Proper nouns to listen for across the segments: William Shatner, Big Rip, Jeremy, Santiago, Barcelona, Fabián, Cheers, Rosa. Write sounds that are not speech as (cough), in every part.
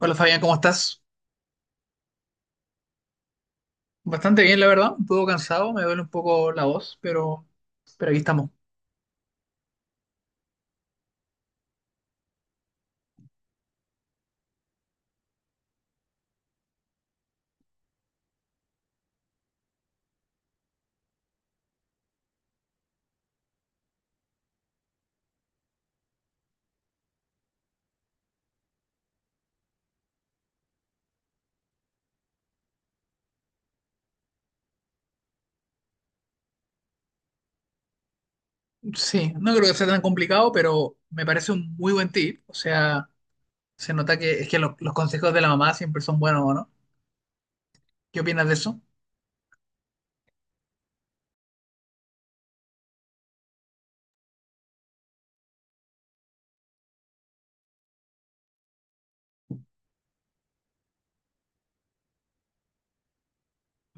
Hola Fabián, ¿cómo estás? Bastante bien, la verdad. Un poco cansado, me duele un poco la voz, pero aquí estamos. Sí, no creo que sea tan complicado, pero me parece un muy buen tip. O sea, se nota que los consejos de la mamá siempre son buenos, ¿o ¿no? ¿Qué opinas de eso?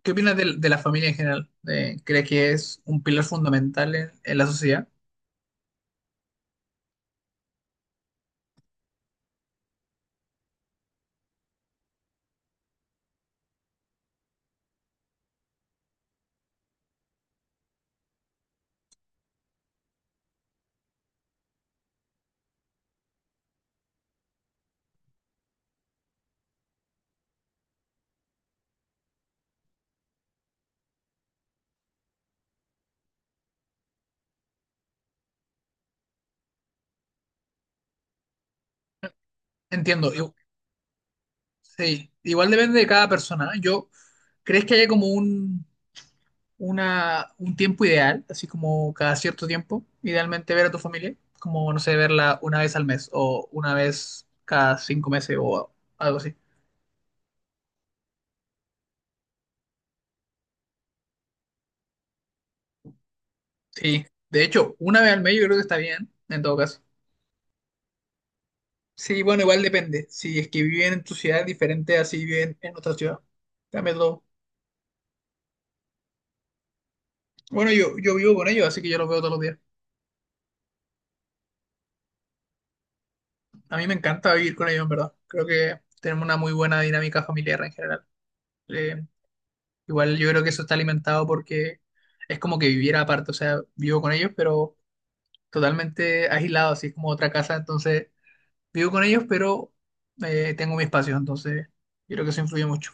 ¿Qué opinas de la familia en general? ¿Crees que es un pilar fundamental en la sociedad? Entiendo. igu- sí, igual depende de cada persona. ¿Eh? Yo, ¿crees que haya como un tiempo ideal, así como cada cierto tiempo, idealmente ver a tu familia, como, no sé, verla una vez al mes o una vez cada 5 meses o algo así. Sí, de hecho, una vez al mes yo creo que está bien, en todo caso. Sí, bueno, igual depende. Si es que viven en tu ciudad es diferente así si viven en otra ciudad, cambia todo. Bueno, yo vivo con ellos, así que yo los veo todos los días. A mí me encanta vivir con ellos, en verdad. Creo que tenemos una muy buena dinámica familiar en general. Eh, Igual yo creo que eso está alimentado porque es como que viviera aparte, o sea, vivo con ellos, pero totalmente aislado, así es como otra casa, entonces vivo con ellos, pero tengo mi espacio, entonces yo creo que eso influye mucho.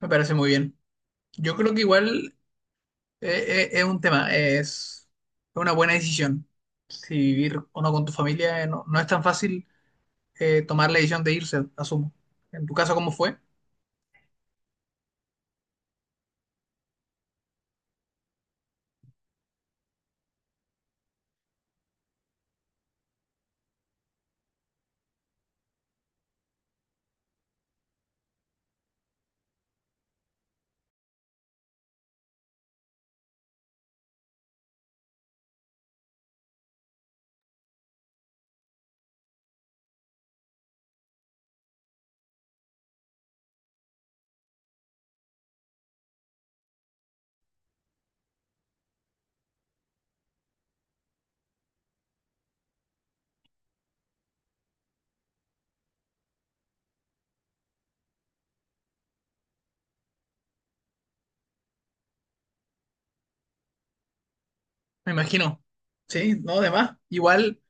Me parece muy bien. Yo creo que igual eh, es un tema, es una buena decisión, si vivir o no con tu familia, no, no es tan fácil tomar la decisión de irse, asumo. En tu caso, ¿cómo fue? Me imagino, sí, no, además, igual,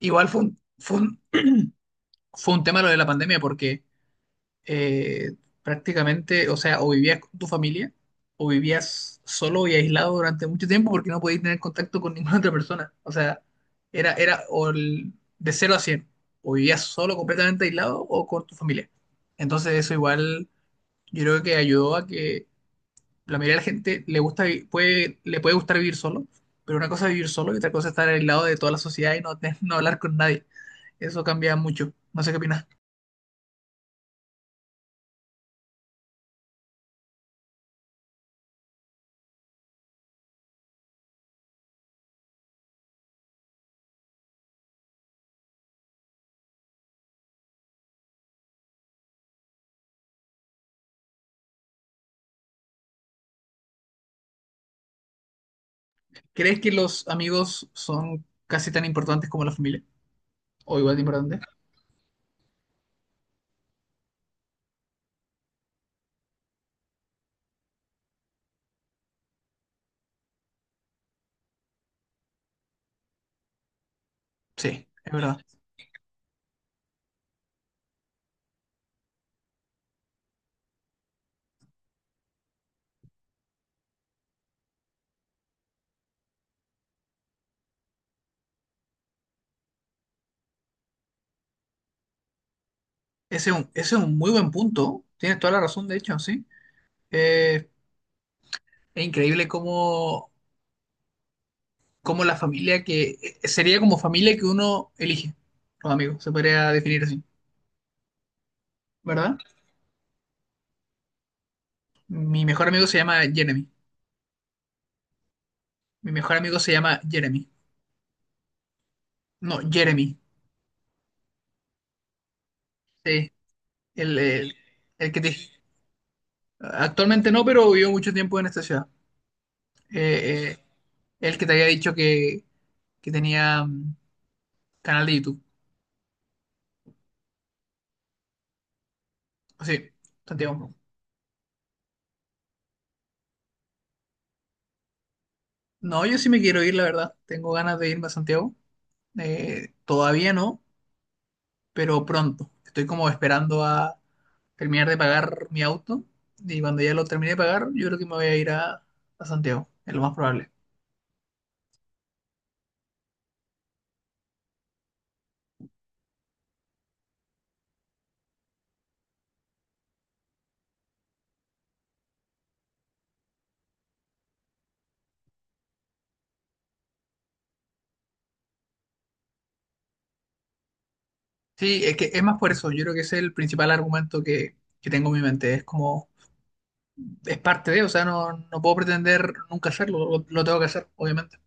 igual fue un tema lo de la pandemia porque eh, prácticamente, o sea, o vivías con tu familia o vivías solo y aislado durante mucho tiempo porque no podías tener contacto con (laughs) ninguna otra persona. O sea, era de 0 a 100 o vivías solo completamente aislado o con tu familia. Entonces eso igual yo creo que ayudó a que la mayoría de la gente le gusta, le puede gustar vivir solo, pero una cosa es vivir solo y otra cosa es estar aislado de toda la sociedad y no, (laughs) no hablar con nadie. Eso cambia mucho. No sé qué opinas. ¿Crees que los amigos son casi tan importantes como la familia? ¿O igual de importantes? Sí, es verdad. Ese es un muy buen punto. Tienes toda la razón, de hecho, sí. Eh, es increíble cómo, cómo la familia que... sería como familia que uno elige, los amigos, se podría definir así, ¿verdad? Mi mejor amigo se llama Jeremy. Mi mejor amigo se llama Jeremy. No, Jeremy. Sí, el, el, el que te... Actualmente no, pero vivió mucho tiempo en esta ciudad. eh, eh, el que te había dicho que tenía canal de YouTube. Ah, sí, Santiago. No, yo sí me quiero ir, la verdad. Tengo ganas de irme a Santiago. Todavía no, pero pronto. Estoy como esperando a terminar de pagar mi auto y cuando ya lo termine de pagar, yo creo que me voy a ir a Santiago, es lo más probable. Sí, es que es más por eso, yo creo que ese es el principal argumento que tengo en mi mente, es como, es parte de, o sea, no, no puedo pretender nunca hacerlo, lo tengo que hacer, obviamente.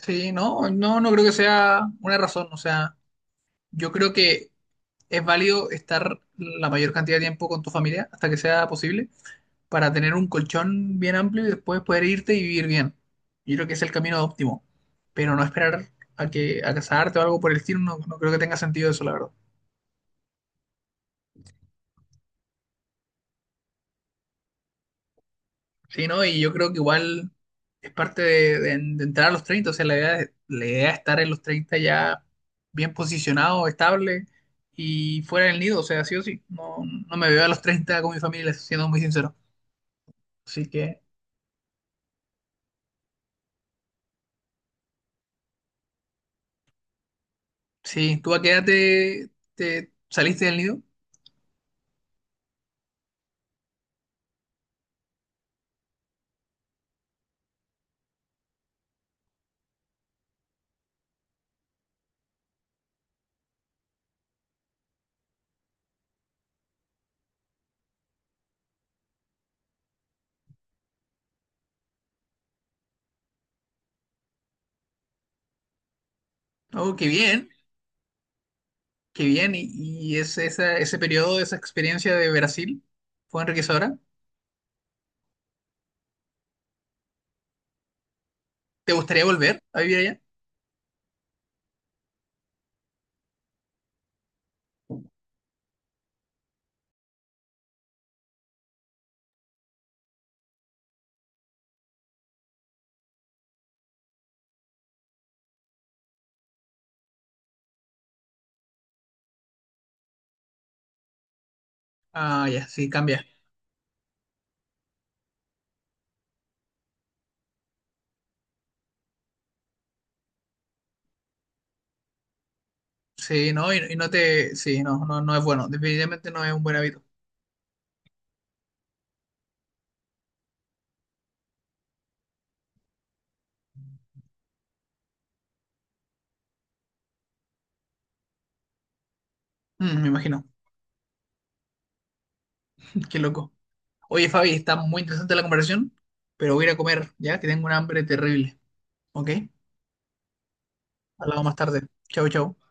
Sí, no, no, no creo que sea una razón. O sea, yo creo que es válido estar la mayor cantidad de tiempo con tu familia hasta que sea posible para tener un colchón bien amplio y después poder irte y vivir bien. Yo creo que es el camino óptimo, pero no esperar a que a casarte o algo por el estilo, no, no creo que tenga sentido eso, la verdad. Sí, ¿no? Y yo creo que igual es parte de entrar a los 30, o sea, la idea, la idea es estar en los 30 ya bien posicionado, estable y fuera del nido, o sea, sí o sí, no, no me veo a los 30 con mi familia, siendo muy sincero. Así que, sí, ¿tú a qué edad te saliste del nido? Oh, qué bien, y ese periodo, esa experiencia de Brasil fue enriquecedora. ¿Te gustaría volver a vivir allá? Ah, ya, sí, cambia. Sí, no, y no te. Sí, no, no, no es bueno. Definitivamente no es un buen hábito. Mm, me imagino. (laughs) Qué loco. Oye, Fabi, está muy interesante la conversación, pero voy a ir a comer, ya que tengo un hambre terrible. ¿Ok? Hablamos más tarde. Chau, chau.